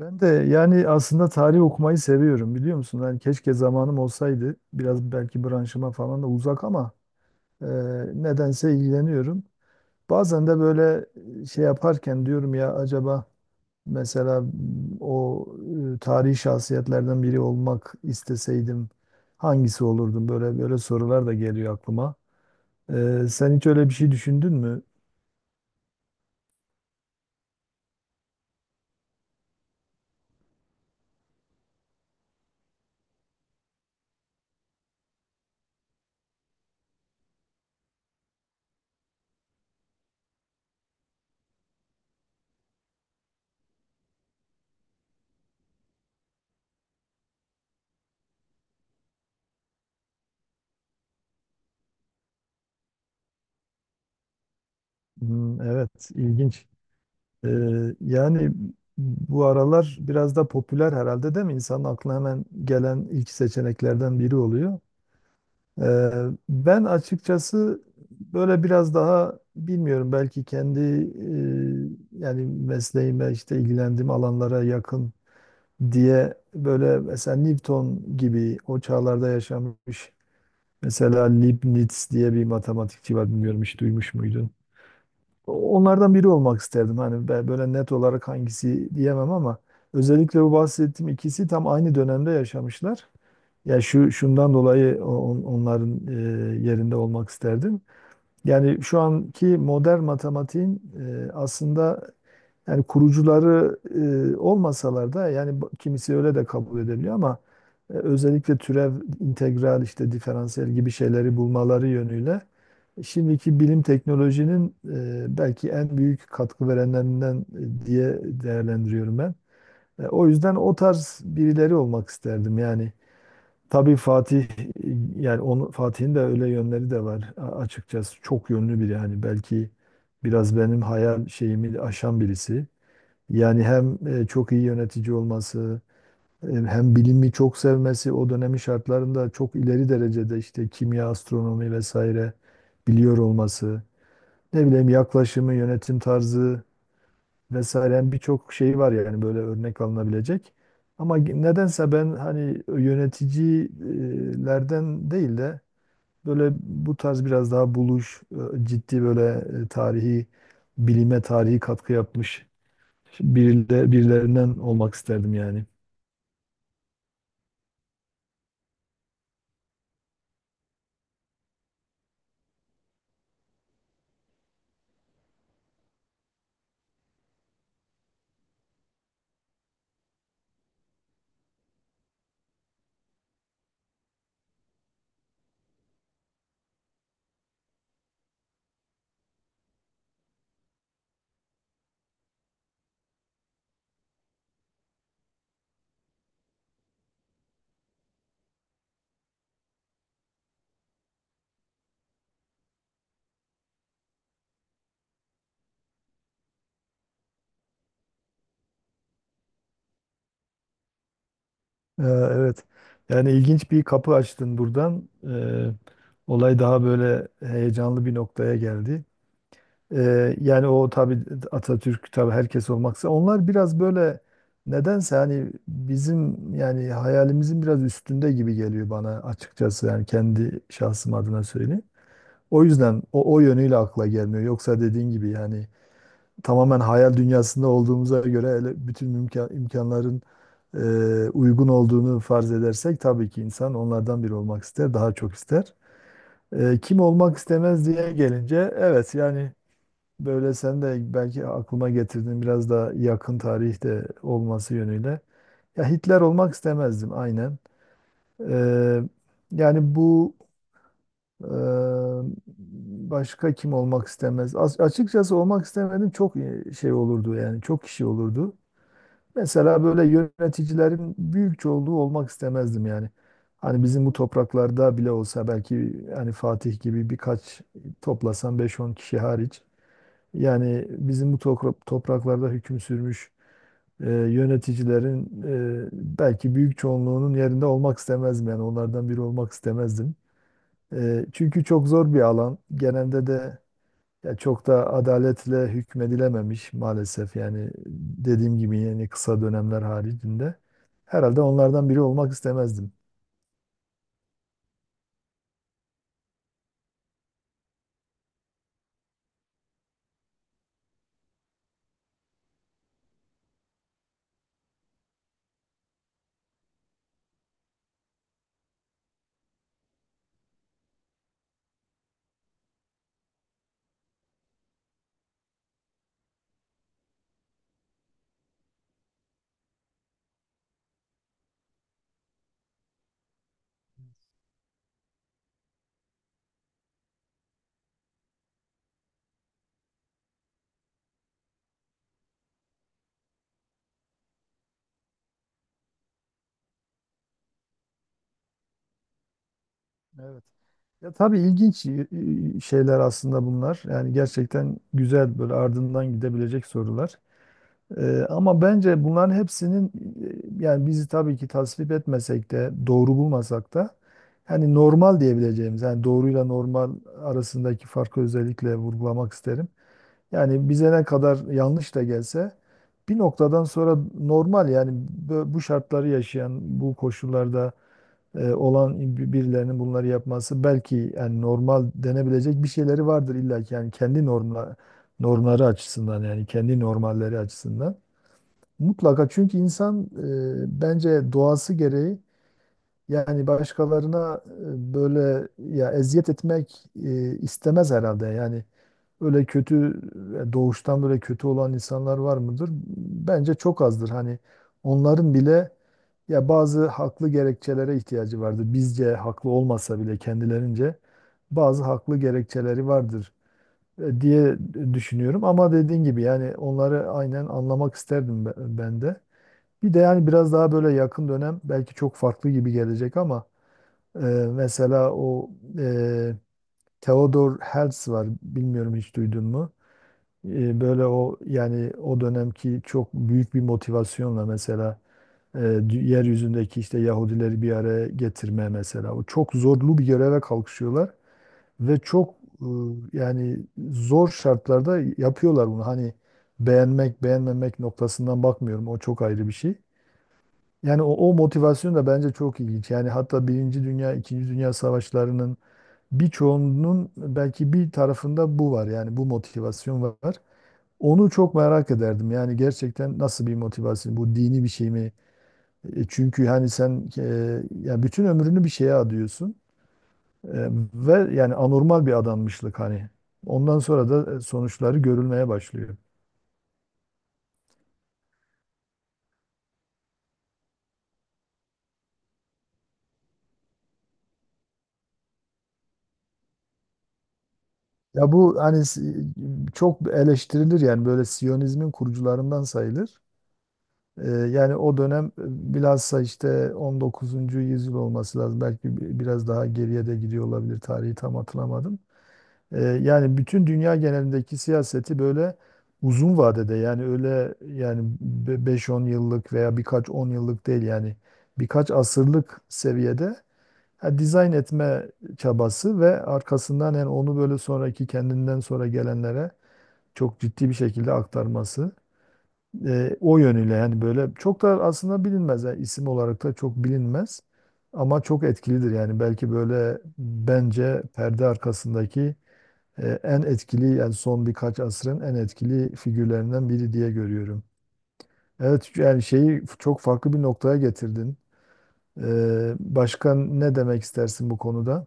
Ben de yani aslında tarih okumayı seviyorum biliyor musun? Yani keşke zamanım olsaydı. Biraz belki branşıma falan da uzak ama e, nedense ilgileniyorum. Bazen de böyle şey yaparken diyorum ya acaba mesela o tarihi şahsiyetlerden biri olmak isteseydim hangisi olurdum? Böyle böyle sorular da geliyor aklıma. Sen hiç öyle bir şey düşündün mü? Hmm, evet, ilginç. Ee, yani bu aralar biraz da popüler herhalde değil mi? İnsanın aklına hemen gelen ilk seçeneklerden biri oluyor. Ee, Ben açıkçası böyle biraz daha bilmiyorum belki kendi yani mesleğime işte ilgilendiğim alanlara yakın diye böyle mesela Newton gibi o çağlarda yaşamış mesela Leibniz diye bir matematikçi var bilmiyorum hiç duymuş muydun? Onlardan biri olmak isterdim hani böyle net olarak hangisi diyemem ama özellikle bu bahsettiğim ikisi tam aynı dönemde yaşamışlar. Ya şu şundan dolayı onların yerinde olmak isterdim. Yani şu anki modern matematiğin aslında yani kurucuları olmasalar da yani kimisi öyle de kabul edebiliyor ama özellikle türev, integral, işte diferansiyel gibi şeyleri bulmaları yönüyle şimdiki bilim teknolojinin belki en büyük katkı verenlerinden diye değerlendiriyorum ben. O yüzden o tarz birileri olmak isterdim yani. Tabii Fatih yani onu Fatih'in de öyle yönleri de var açıkçası çok yönlü biri yani belki biraz benim hayal şeyimi aşan birisi. Yani hem çok iyi yönetici olması, hem bilimi çok sevmesi, o dönemin şartlarında çok ileri derecede işte kimya, astronomi vesaire biliyor olması. Ne bileyim yaklaşımı, yönetim tarzı vesaire, yani birçok şey var yani böyle örnek alınabilecek. Ama nedense ben hani yöneticilerden değil de böyle bu tarz biraz daha buluş, ciddi böyle tarihi, bilime tarihi katkı yapmış birilerinden olmak isterdim yani. Evet. Yani ilginç bir kapı açtın buradan. Olay daha böyle heyecanlı bir noktaya geldi. Yani o tabii Atatürk, tabii herkes olmaksa onlar biraz böyle nedense hani bizim yani hayalimizin biraz üstünde gibi geliyor bana, açıkçası yani kendi şahsım adına söyleyeyim. O yüzden o yönüyle akla gelmiyor. Yoksa dediğin gibi yani tamamen hayal dünyasında olduğumuza göre, hele bütün imkanların e, uygun olduğunu farz edersek, tabii ki insan onlardan biri olmak ister, daha çok ister. Kim olmak istemez diye gelince, evet yani böyle sen de belki aklıma getirdin biraz da yakın tarihte olması yönüyle. Ya Hitler olmak istemezdim aynen. Ee, yani bu e, Başka kim olmak istemez? Açıkçası olmak istemedim çok şey olurdu yani çok kişi olurdu. Mesela böyle yöneticilerin büyük çoğunluğu olmak istemezdim yani. Hani bizim bu topraklarda bile olsa, belki hani Fatih gibi birkaç toplasan beş on kişi hariç. Yani bizim bu topraklarda hüküm sürmüş yöneticilerin belki büyük çoğunluğunun yerinde olmak istemezdim. Yani onlardan biri olmak istemezdim. Çünkü çok zor bir alan. Genelde de ya çok da adaletle hükmedilememiş maalesef. Yani dediğim gibi yani kısa dönemler haricinde. Herhalde onlardan biri olmak istemezdim. Evet. Ya tabii ilginç şeyler aslında bunlar. Yani gerçekten güzel böyle ardından gidebilecek sorular. Ama bence bunların hepsinin yani bizi tabii ki tasvip etmesek de doğru bulmasak da hani normal diyebileceğimiz, yani doğruyla normal arasındaki farkı özellikle vurgulamak isterim. Yani bize ne kadar yanlış da gelse bir noktadan sonra normal, yani bu şartları yaşayan bu koşullarda olan birilerinin bunları yapması belki yani normal denebilecek bir şeyleri vardır illa ki, yani kendi normları açısından, yani kendi normalleri açısından. Mutlaka, çünkü insan bence doğası gereği yani başkalarına böyle ya eziyet etmek istemez herhalde. Yani öyle kötü, doğuştan böyle kötü olan insanlar var mıdır? Bence çok azdır. Hani onların bile ya bazı haklı gerekçelere ihtiyacı vardır. Bizce haklı olmasa bile kendilerince bazı haklı gerekçeleri vardır diye düşünüyorum. Ama dediğin gibi yani onları aynen anlamak isterdim ben de. Bir de yani biraz daha böyle yakın dönem belki çok farklı gibi gelecek ama e, mesela o e, Theodor Herzl var, bilmiyorum hiç duydun mu? Böyle o yani o dönemki çok büyük bir motivasyonla mesela yeryüzündeki işte Yahudileri bir araya getirme mesela. O çok zorlu bir göreve kalkışıyorlar ve çok e, yani zor şartlarda yapıyorlar bunu. Hani beğenmek beğenmemek noktasından bakmıyorum, o çok ayrı bir şey. Yani o motivasyon da bence çok ilginç. Yani hatta Birinci Dünya, İkinci Dünya Savaşlarının birçoğunun belki bir tarafında bu var. Yani bu motivasyon var. Onu çok merak ederdim. Yani gerçekten nasıl bir motivasyon? Bu dini bir şey mi? Çünkü hani sen ya bütün ömrünü bir şeye adıyorsun E, ve yani anormal bir adanmışlık hani. Ondan sonra da sonuçları görülmeye başlıyor. Ya bu hani çok eleştirilir, yani böyle Siyonizmin kurucularından sayılır. Yani o dönem bilhassa işte 19. yüzyıl olması lazım. Belki biraz daha geriye de gidiyor olabilir. Tarihi tam hatırlamadım. Yani bütün dünya genelindeki siyaseti böyle uzun vadede, yani öyle yani 5-10 yıllık veya birkaç 10 yıllık değil yani birkaç asırlık seviyede ha, dizayn etme çabası ve arkasından yani onu böyle sonraki, kendinden sonra gelenlere çok ciddi bir şekilde aktarması. O yönüyle yani böyle çok da aslında bilinmez. Yani isim olarak da çok bilinmez. Ama çok etkilidir, yani belki böyle bence perde arkasındaki en etkili, yani son birkaç asrın en etkili figürlerinden biri diye görüyorum. Evet yani şeyi çok farklı bir noktaya getirdin. Başka ne demek istersin bu konuda?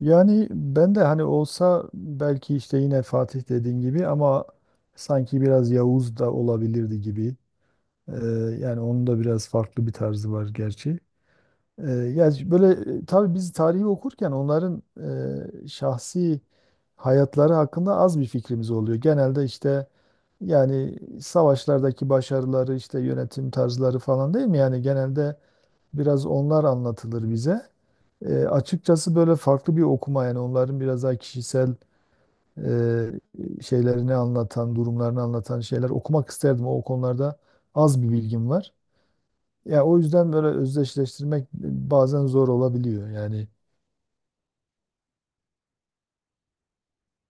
Yani ben de hani olsa belki işte yine Fatih dediğin gibi ama sanki biraz Yavuz da olabilirdi gibi. Ee, Yani onun da biraz farklı bir tarzı var gerçi. Ya böyle tabii biz tarihi okurken onların şahsi hayatları hakkında az bir fikrimiz oluyor. Genelde işte yani savaşlardaki başarıları, işte yönetim tarzları falan, değil mi? Yani genelde biraz onlar anlatılır bize. Açıkçası böyle farklı bir okuma, yani onların biraz daha kişisel şeylerini anlatan, durumlarını anlatan şeyler okumak isterdim. O konularda az bir bilgim var. Ya o yüzden böyle özdeşleştirmek bazen zor olabiliyor. Yani.